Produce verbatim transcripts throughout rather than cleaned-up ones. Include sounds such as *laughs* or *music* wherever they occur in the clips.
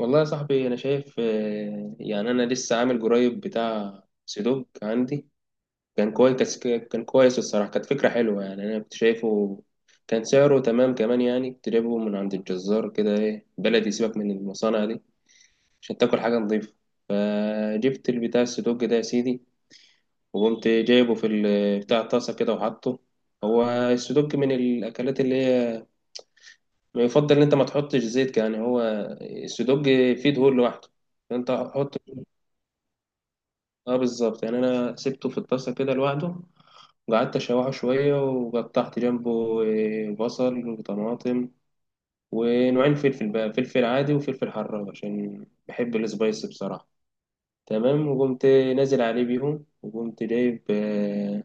والله يا صاحبي، انا شايف، آه، يعني انا لسه عامل قريب بتاع سيدوك عندي. كان كويس، كان كويس الصراحه. كانت فكره حلوه، يعني انا كنت شايفه كان سعره تمام كمان. يعني تجيبه من عند الجزار كده، ايه، بلدي. سيبك من المصانع دي عشان تاكل حاجه نظيفه. فجبت البتاع السيدوك ده يا سيدي، وقمت جايبه في ال- بتاع الطاسه كده وحطه. هو السيدوك من الاكلات اللي هي ما يفضل ان انت ما تحطش زيت، يعني هو السيدوج فيه دهون لوحده. انت حط. اه بالظبط، يعني انا سبته في الطاسه كده لوحده، وقعدت اشوحه شويه، وقطعت جنبه إيه، بصل وطماطم ونوعين فلفل، بقى فلفل عادي وفلفل حراق، عشان بحب السبايسي بصراحه. تمام، وقمت نازل عليه بيهم، وقمت جايب آه،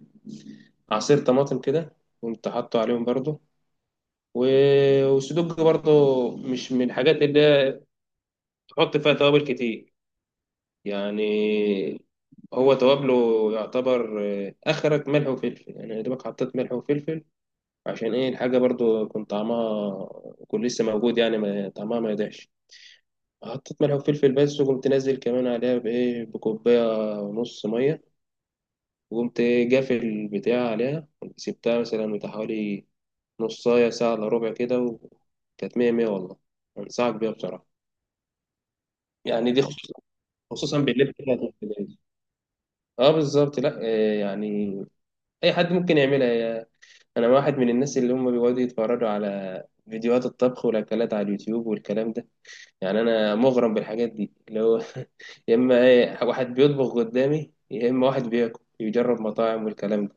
عصير طماطم كده، قمت حاطه عليهم برضه. و- والسدوج برضه مش من الحاجات اللي تحط فيها توابل كتير، يعني هو توابله يعتبر آه، اخرك ملح وفلفل، يعني يا دوبك حطيت ملح وفلفل، عشان ايه الحاجه برضو يكون طعمها يكون لسه موجود، يعني ما طعمها ما يضيعش. حطيت ملح وفلفل بس، وقمت نازل كمان عليها بايه بكوبايه ونص ميه، وقمت جافل البتاع عليها، سبتها مثلا بتاع حوالي نصايه ساعه الا ربع كده، وكانت مية مية والله. انصحك بيها بصراحه، يعني دي خصوصا، خصوصا بالليل كده هتبقى لذيذة. اه بالظبط. لا آه، يعني اي حد ممكن يعملها. يا- انا واحد من الناس اللي هم بيقعدوا يتفرجوا على فيديوهات الطبخ والاكلات على اليوتيوب والكلام ده. يعني انا مغرم بالحاجات دي اللي هو *laughs* يا اما ايه واحد بيطبخ قدامي، يا اما واحد بياكل يجرب مطاعم والكلام ده.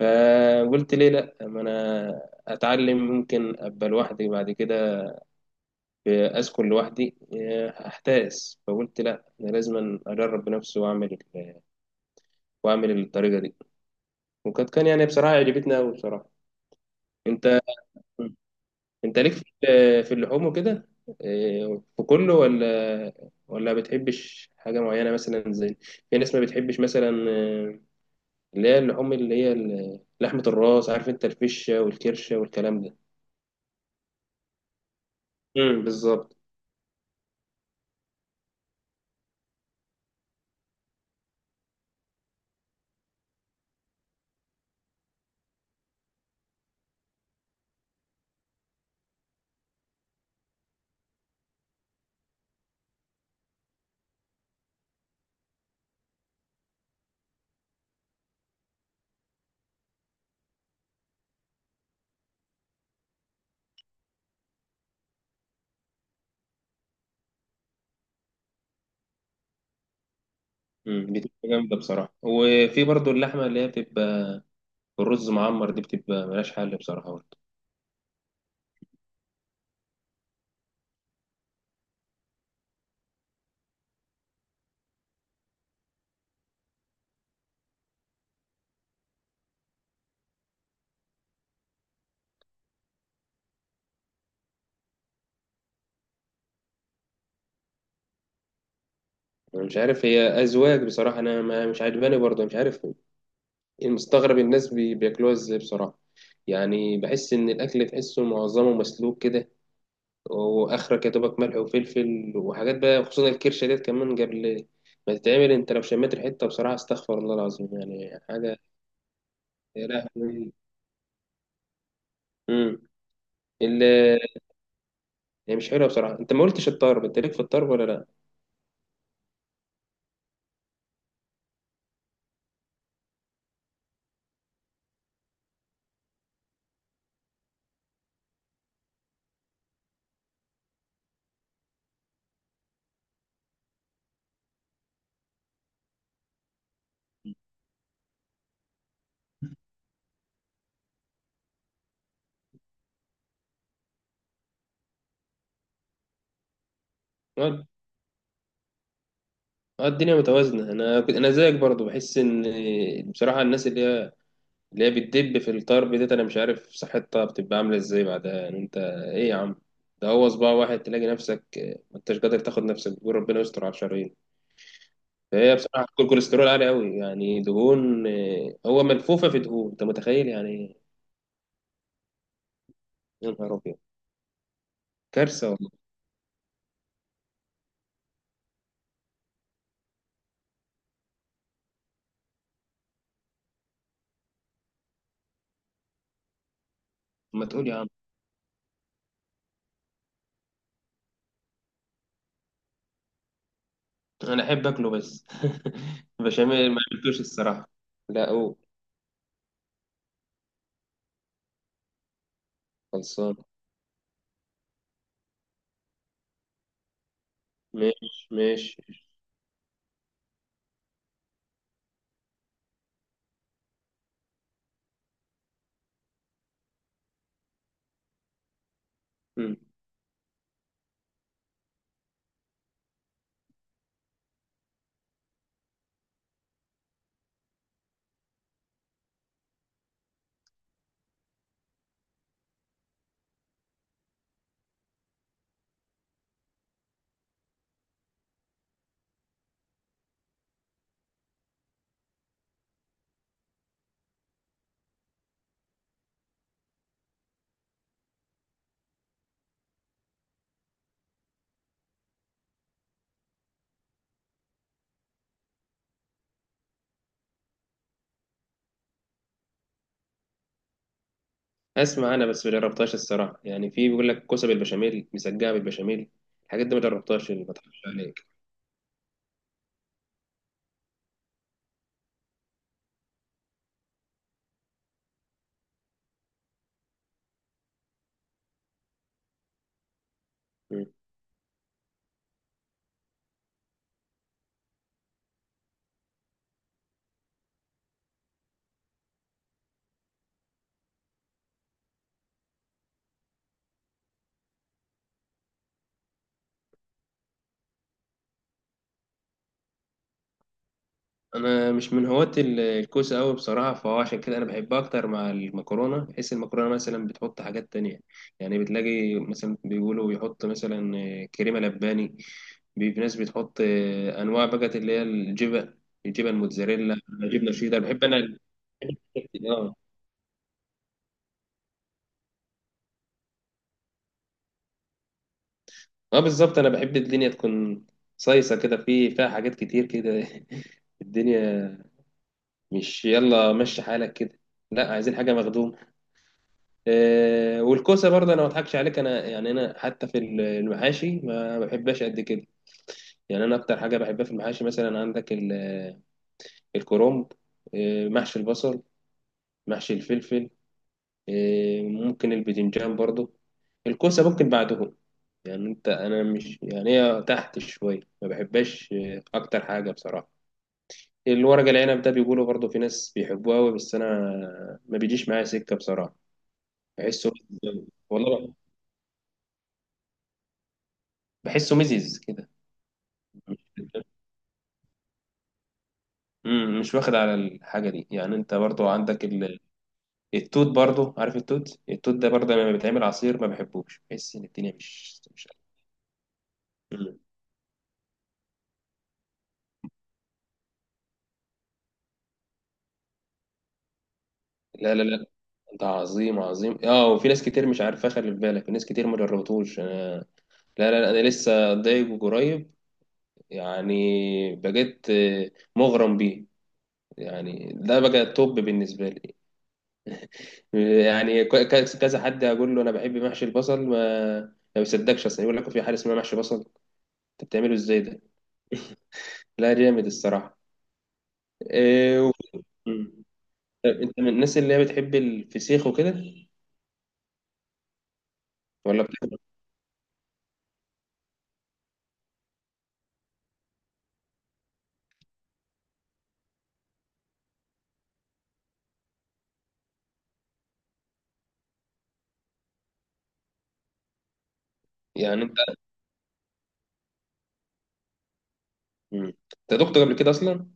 فقلت ليه لا، اما انا اتعلم ممكن ابقى لوحدي بعد كده، اسكن لوحدي إيه، هحتاس. فقلت لا، انا لازم اجرب بنفسي، واعمل واعمل الطريقه دي. وكانت كان يعني بصراحه عجبتني قوي بصراحه. انت انت ليك في ال- في اللحوم وكده؟ إيه، في كله، ولا ولا بتحبش حاجه معينه؟ مثلا زي في ناس ما بتحبش مثلا آه، اللي هي اللحوم، اللي هي ال- لحمه الراس، عارف انت، الفشه والكرشه والكلام ده. امم بالظبط. امم بتبقى جامده بصراحه. وفي برضو اللحمه اللي هي بتبقى بالرز معمر، دي بتبقى ملهاش حل بصراحه برضه. أنا مش عارف، هي أذواق بصراحة. أنا ما مش عاجباني برضه، مش عارف المستغرب الناس بي- بياكلوها ازاي بصراحة. يعني بحس ان الاكل تحسه معظمه مسلوك كده، واخرك يا دوبك ملح وفلفل وحاجات بقى. خصوصا الكرشة ديت، كمان قبل ما تتعمل انت لو شميت ريحتها بصراحة، استغفر الله العظيم يعني حاجة. يا لهوي. امم ال- هي مش حلوة بصراحة. انت ما قلتش الطرب، انت ليك في الطرب ولا لا؟ اه، آه، الدنيا متوازنة. انا انا زيك برضو، بحس ان بصراحة الناس اللي هي اللي هي بتدب في الطرب ديت، انا مش عارف صحتها بتبقى عامله ازاي بعدها، يعني انت ايه يا عم؟ ده هو صباع واحد تلاقي نفسك آه، ما انتش قادر تاخد نفسك، بتقول ربنا يستر على الشرايين. فهي بصراحه كل كوليسترول عالي قوي، يعني دهون. آه، هو ملفوفه في دهون، انت متخيل يعني إيه؟ يا نهار ابيض. كارثه والله. ما تقول يا عم. انا احب اكله بس، *laughs* بشاميل ما عملتوش الصراحه. لا، او خلصان. ماشي ماشي. مم. اسمع، انا بس ما جربتهاش الصراحه، يعني في بيقول لك كوسه بالبشاميل، مسقعه بالبشاميل، الحاجات دي ما جربتهاش، اللي ما اضحكش عليك. مم. انا مش من هواة ال- الكوسه قوي بصراحه، فهو عشان كده انا بحبها اكتر مع المكرونه، بحيث المكرونه مثلا بتحط حاجات تانية. يعني بتلاقي مثلا بيقولوا بيحط مثلا آه، كريمه لباني. بي- في ناس بتحط آه، انواع بقى، اللي هي الجبن الجبن موتزاريلا، جبنه شيدر بحب انا. ال- اه. اه بالظبط، انا بحب الدنيا تكون صيصه كده، في فيها حاجات كتير كده *laughs* الدنيا مش يلا مشي حالك كده، لا عايزين حاجه مخدوم. آه، والكوسه برضه انا ما اضحكش عليك، انا يعني انا حتى في ال- المحاشي ما بحبهاش قد كده. يعني انا اكتر حاجه بحبها في المحاشي، مثلا عندك ال- الكرنب، آه محشي البصل، محشي الفلفل، آه ممكن الباذنجان برضه، الكوسه ممكن بعدهم. يعني انت انا مش، يعني هي تحت شويه ما بحبهاش اكتر حاجه بصراحه. الورق العنب ده بيقولوا برضه في ناس بيحبوه قوي، بس انا ما بيجيش معايا سكه بصراحه. بحسه والله، بحسه مزز كده. امم مش واخد على الحاجه دي. يعني انت برضه عندك ال... التوت برضه، عارف التوت التوت ده برضه لما بيتعمل عصير ما بحبوش، بحس ان الدنيا مش مش. مم. لا لا لا، ده عظيم عظيم. اه، وفي ناس كتير مش عارفه، خلي في بالك في ناس كتير ما جربتوش. لا لا لا، انا لسه ضايق قريب، يعني بقيت مغرم بيه. يعني ده بقى توب بالنسبه لي. يعني ك- ك- كذا حد اقول له انا بحب محشي البصل، ما ما بيصدقش اصلا، يقول لك في حاجه اسمها محشي بصل؟ انت بتعمله ازاي ده؟ لا جامد الصراحه. إيه و... مم. انت من الناس اللي هي بتحب الفسيخ وكده، ولا بتحب؟ إيه؟ يعني انت. مم. انت دقت قبل كده اصلا؟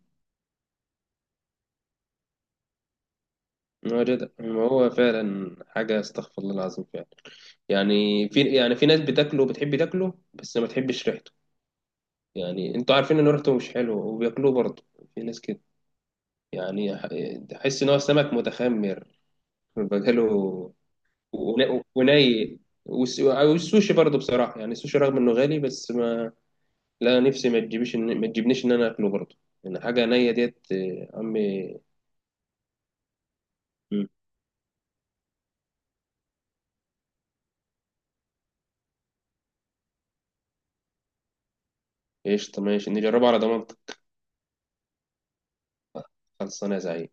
ما هو جدع، ما هو فعلا حاجه استغفر الله العظيم فعلا. يعني في يعني في ناس بتاكله بتحب تاكله، بس ما بتحبش ريحته. يعني انتوا عارفين ان ريحته مش حلوه وبياكلوه برضه، في ناس كده. يعني ح- تحس ان هو سمك متخمر بقاله ونا- وني. والس- والسوشي برضه بصراحه، يعني السوشي رغم انه غالي بس ما، لا نفسي ما تجيبش إن- ما تجيبنيش ان انا اكله برضه، يعني حاجه نيه ديت آه، عمي. مم. قشطه، ماشي، نجربها على ضمانتك. خلصانه يا زعيم.